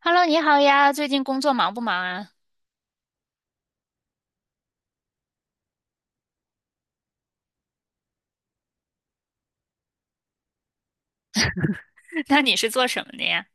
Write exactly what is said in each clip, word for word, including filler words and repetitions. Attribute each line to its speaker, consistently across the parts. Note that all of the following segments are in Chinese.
Speaker 1: Hello，你好呀，最近工作忙不忙啊？那你是做什么的呀？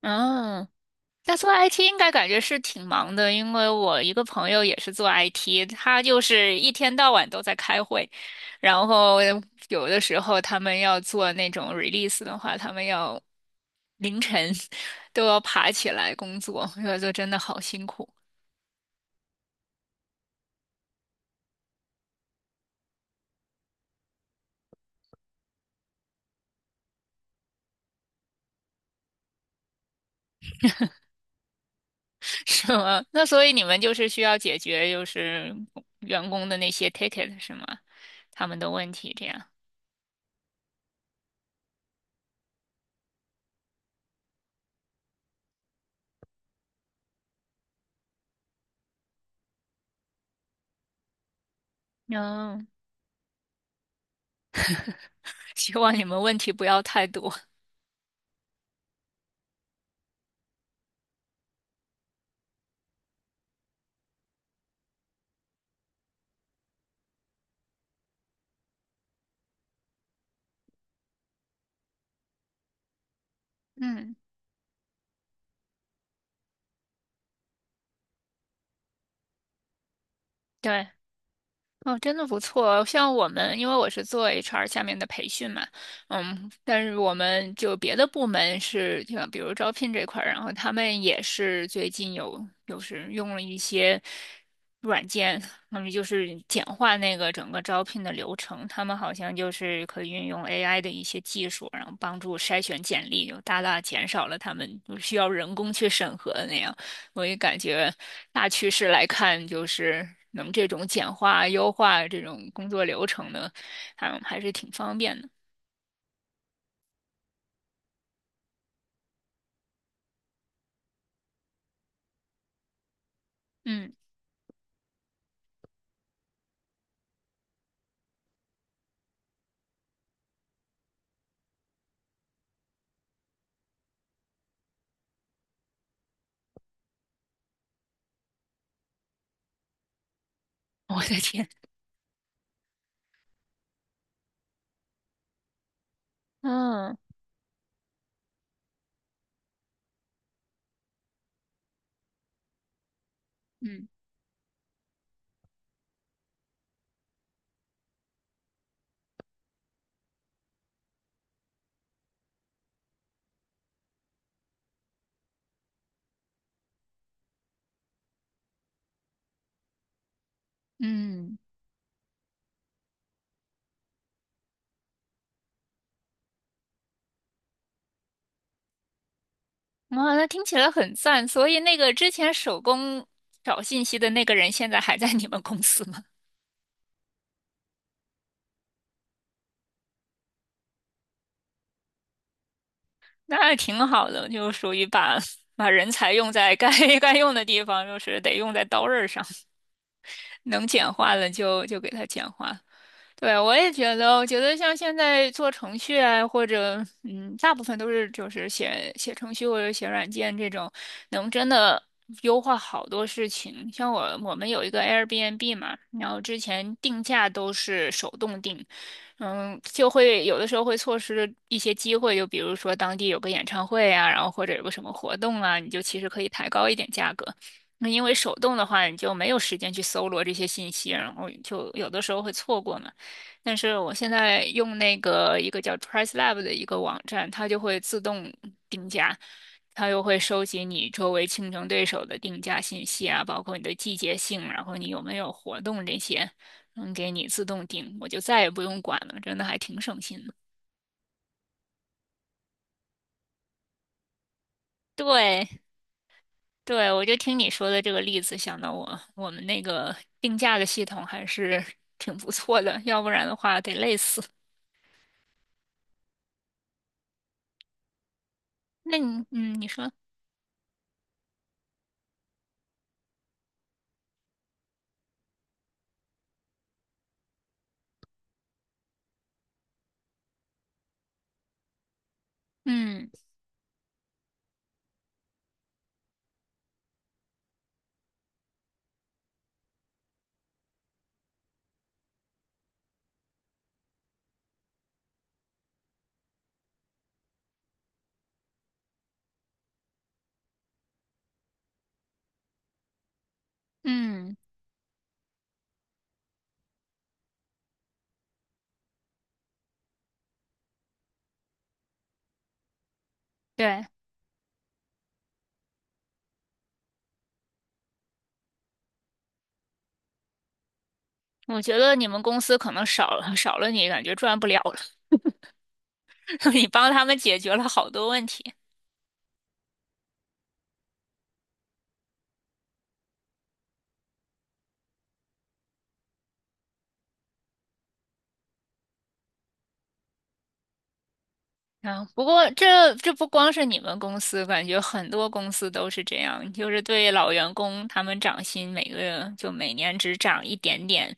Speaker 1: 嗯，那做 I T 应该感觉是挺忙的，因为我一个朋友也是做 I T，他就是一天到晚都在开会，然后有的时候他们要做那种 release 的话，他们要凌晨 都要爬起来工作，这就真的好辛苦。是吗？那所以你们就是需要解决就是员工的那些 ticket 是吗？他们的问题这样。嗯。希望你们问题不要太多。嗯，对，哦，真的不错。像我们，因为我是做 HR 下面的培训嘛。嗯，但是我们就别的部门是，就比如招聘这块儿，然后他们也是最近有，就是用了一些软件，他们就是简化那个整个招聘的流程。他们好像就是可以运用 A I 的一些技术，然后帮助筛选简历，就大大减少了他们需要人工去审核的那样。我也感觉大趋势来看，就是能这种简化、优化这种工作流程的，还还是挺方便的。嗯，我的天，嗯嗯嗯，哇，那听起来很赞。所以那个之前手工找信息的那个人，现在还在你们公司吗？那挺好的，就属于把把人才用在该 该用的地方，就是得用在刀刃上，能简化了就就给他简化。对，我也觉得，我觉得像现在做程序啊，或者嗯，大部分都是就是写写程序或者写软件这种，能真的优化好多事情。像我我们有一个 Airbnb 嘛，然后之前定价都是手动定，嗯，就会有的时候会错失一些机会，就比如说当地有个演唱会啊，然后或者有个什么活动啊，你就其实可以抬高一点价格。那因为手动的话，你就没有时间去搜罗这些信息，然后就有的时候会错过嘛。但是我现在用那个一个叫 PriceLab 的一个网站，它就会自动定价，它又会收集你周围竞争对手的定价信息啊，包括你的季节性，然后你有没有活动这些，能给你自动定，我就再也不用管了，真的还挺省心的。对，对，我就听你说的这个例子，想到我我们那个定价的系统还是 挺不错的，要不然的话得累死。那你，嗯，你说，嗯嗯，对。我觉得你们公司可能少了少了你，感觉赚不了了。你帮他们解决了好多问题。啊，不过这这不光是你们公司，感觉很多公司都是这样，就是对老员工他们涨薪，每个月就每年只涨一点点，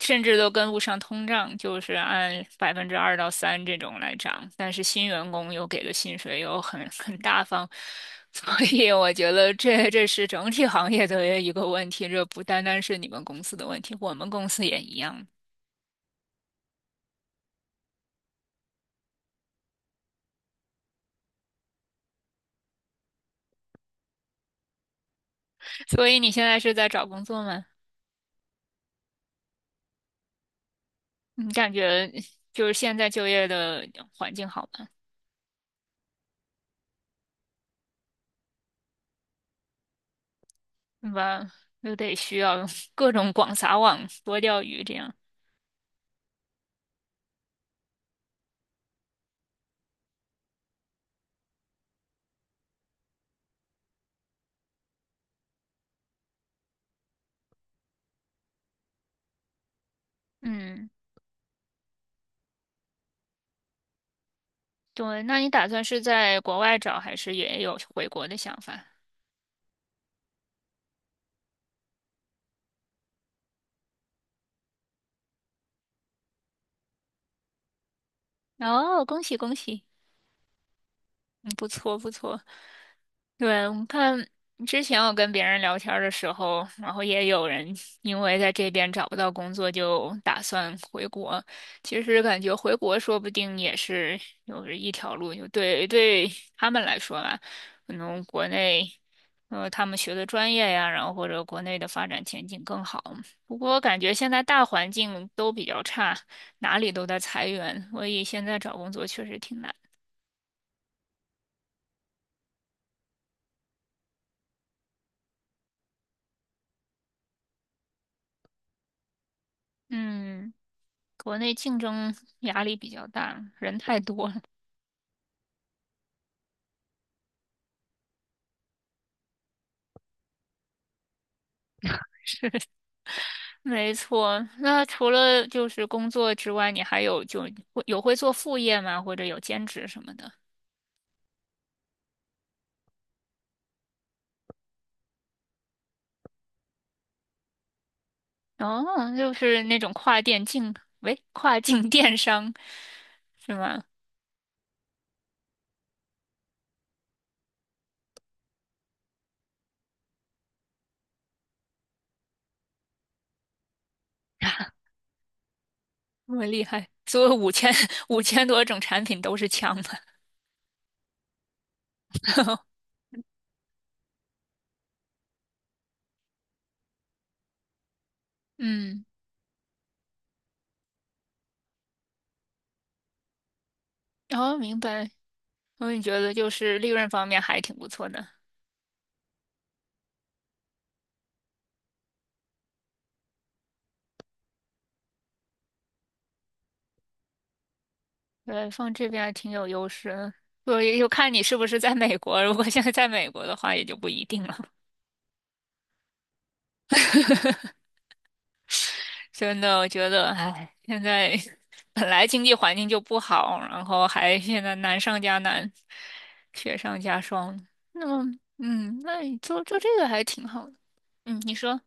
Speaker 1: 甚至都跟不上通胀，就是按百分之二到三这种来涨。但是新员工又给的薪水又很很大方，所以我觉得这这是整体行业的一个问题，这不单单是你们公司的问题，我们公司也一样。所以你现在是在找工作吗？你感觉就是现在就业的环境好吗？对吧？又得需要 各种广撒网、多钓鱼这样。嗯，对。那你打算是在国外找，还是也有回国的想法？哦，恭喜恭喜，嗯，不错不错。对，我看之前我跟别人聊天儿的时候，然后也有人因为在这边找不到工作，就打算回国。其实感觉回国说不定也是有一条路，就对对他们来说吧，可能国内呃他们学的专业呀，然后或者国内的发展前景更好。不过我感觉现在大环境都比较差，哪里都在裁员，所以现在找工作确实挺难。嗯。国内竞争压力比较大，人太多了。没错，那除了就是工作之外，你还有就会有会做副业吗？或者有兼职什么的？哦，就是那种跨店竞，喂，跨境电商是吗？这么厉害，所有五千 五千多种产品都是枪的。嗯，哦，明白。所以你觉得就是利润方面还挺不错的。对，放这边还挺有优势的，所以就看你是不是在美国。如果现在在美国的话，也就不一定了。真的，我觉得，唉，现在本来经济环境就不好，然后还现在难上加难，雪上加霜。那么，嗯，那你做做这个还挺好的。嗯，你说，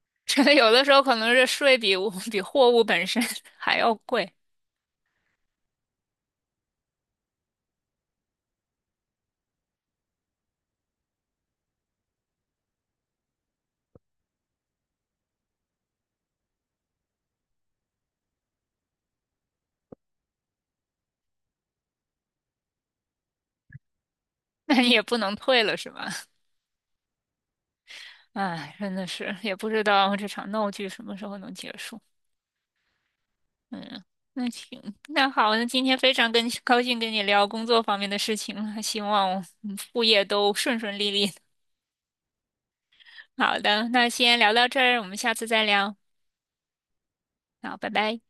Speaker 1: 觉得有的时候可能是税比物比货物本身 还要贵，那你也不能退了，是吧？唉，真的是，也不知道这场闹剧什么时候能结束。嗯，那行，那好，那今天非常跟高兴跟你聊工作方面的事情了，希望我们副业都顺顺利利。好的，那先聊到这儿，我们下次再聊。好，拜拜。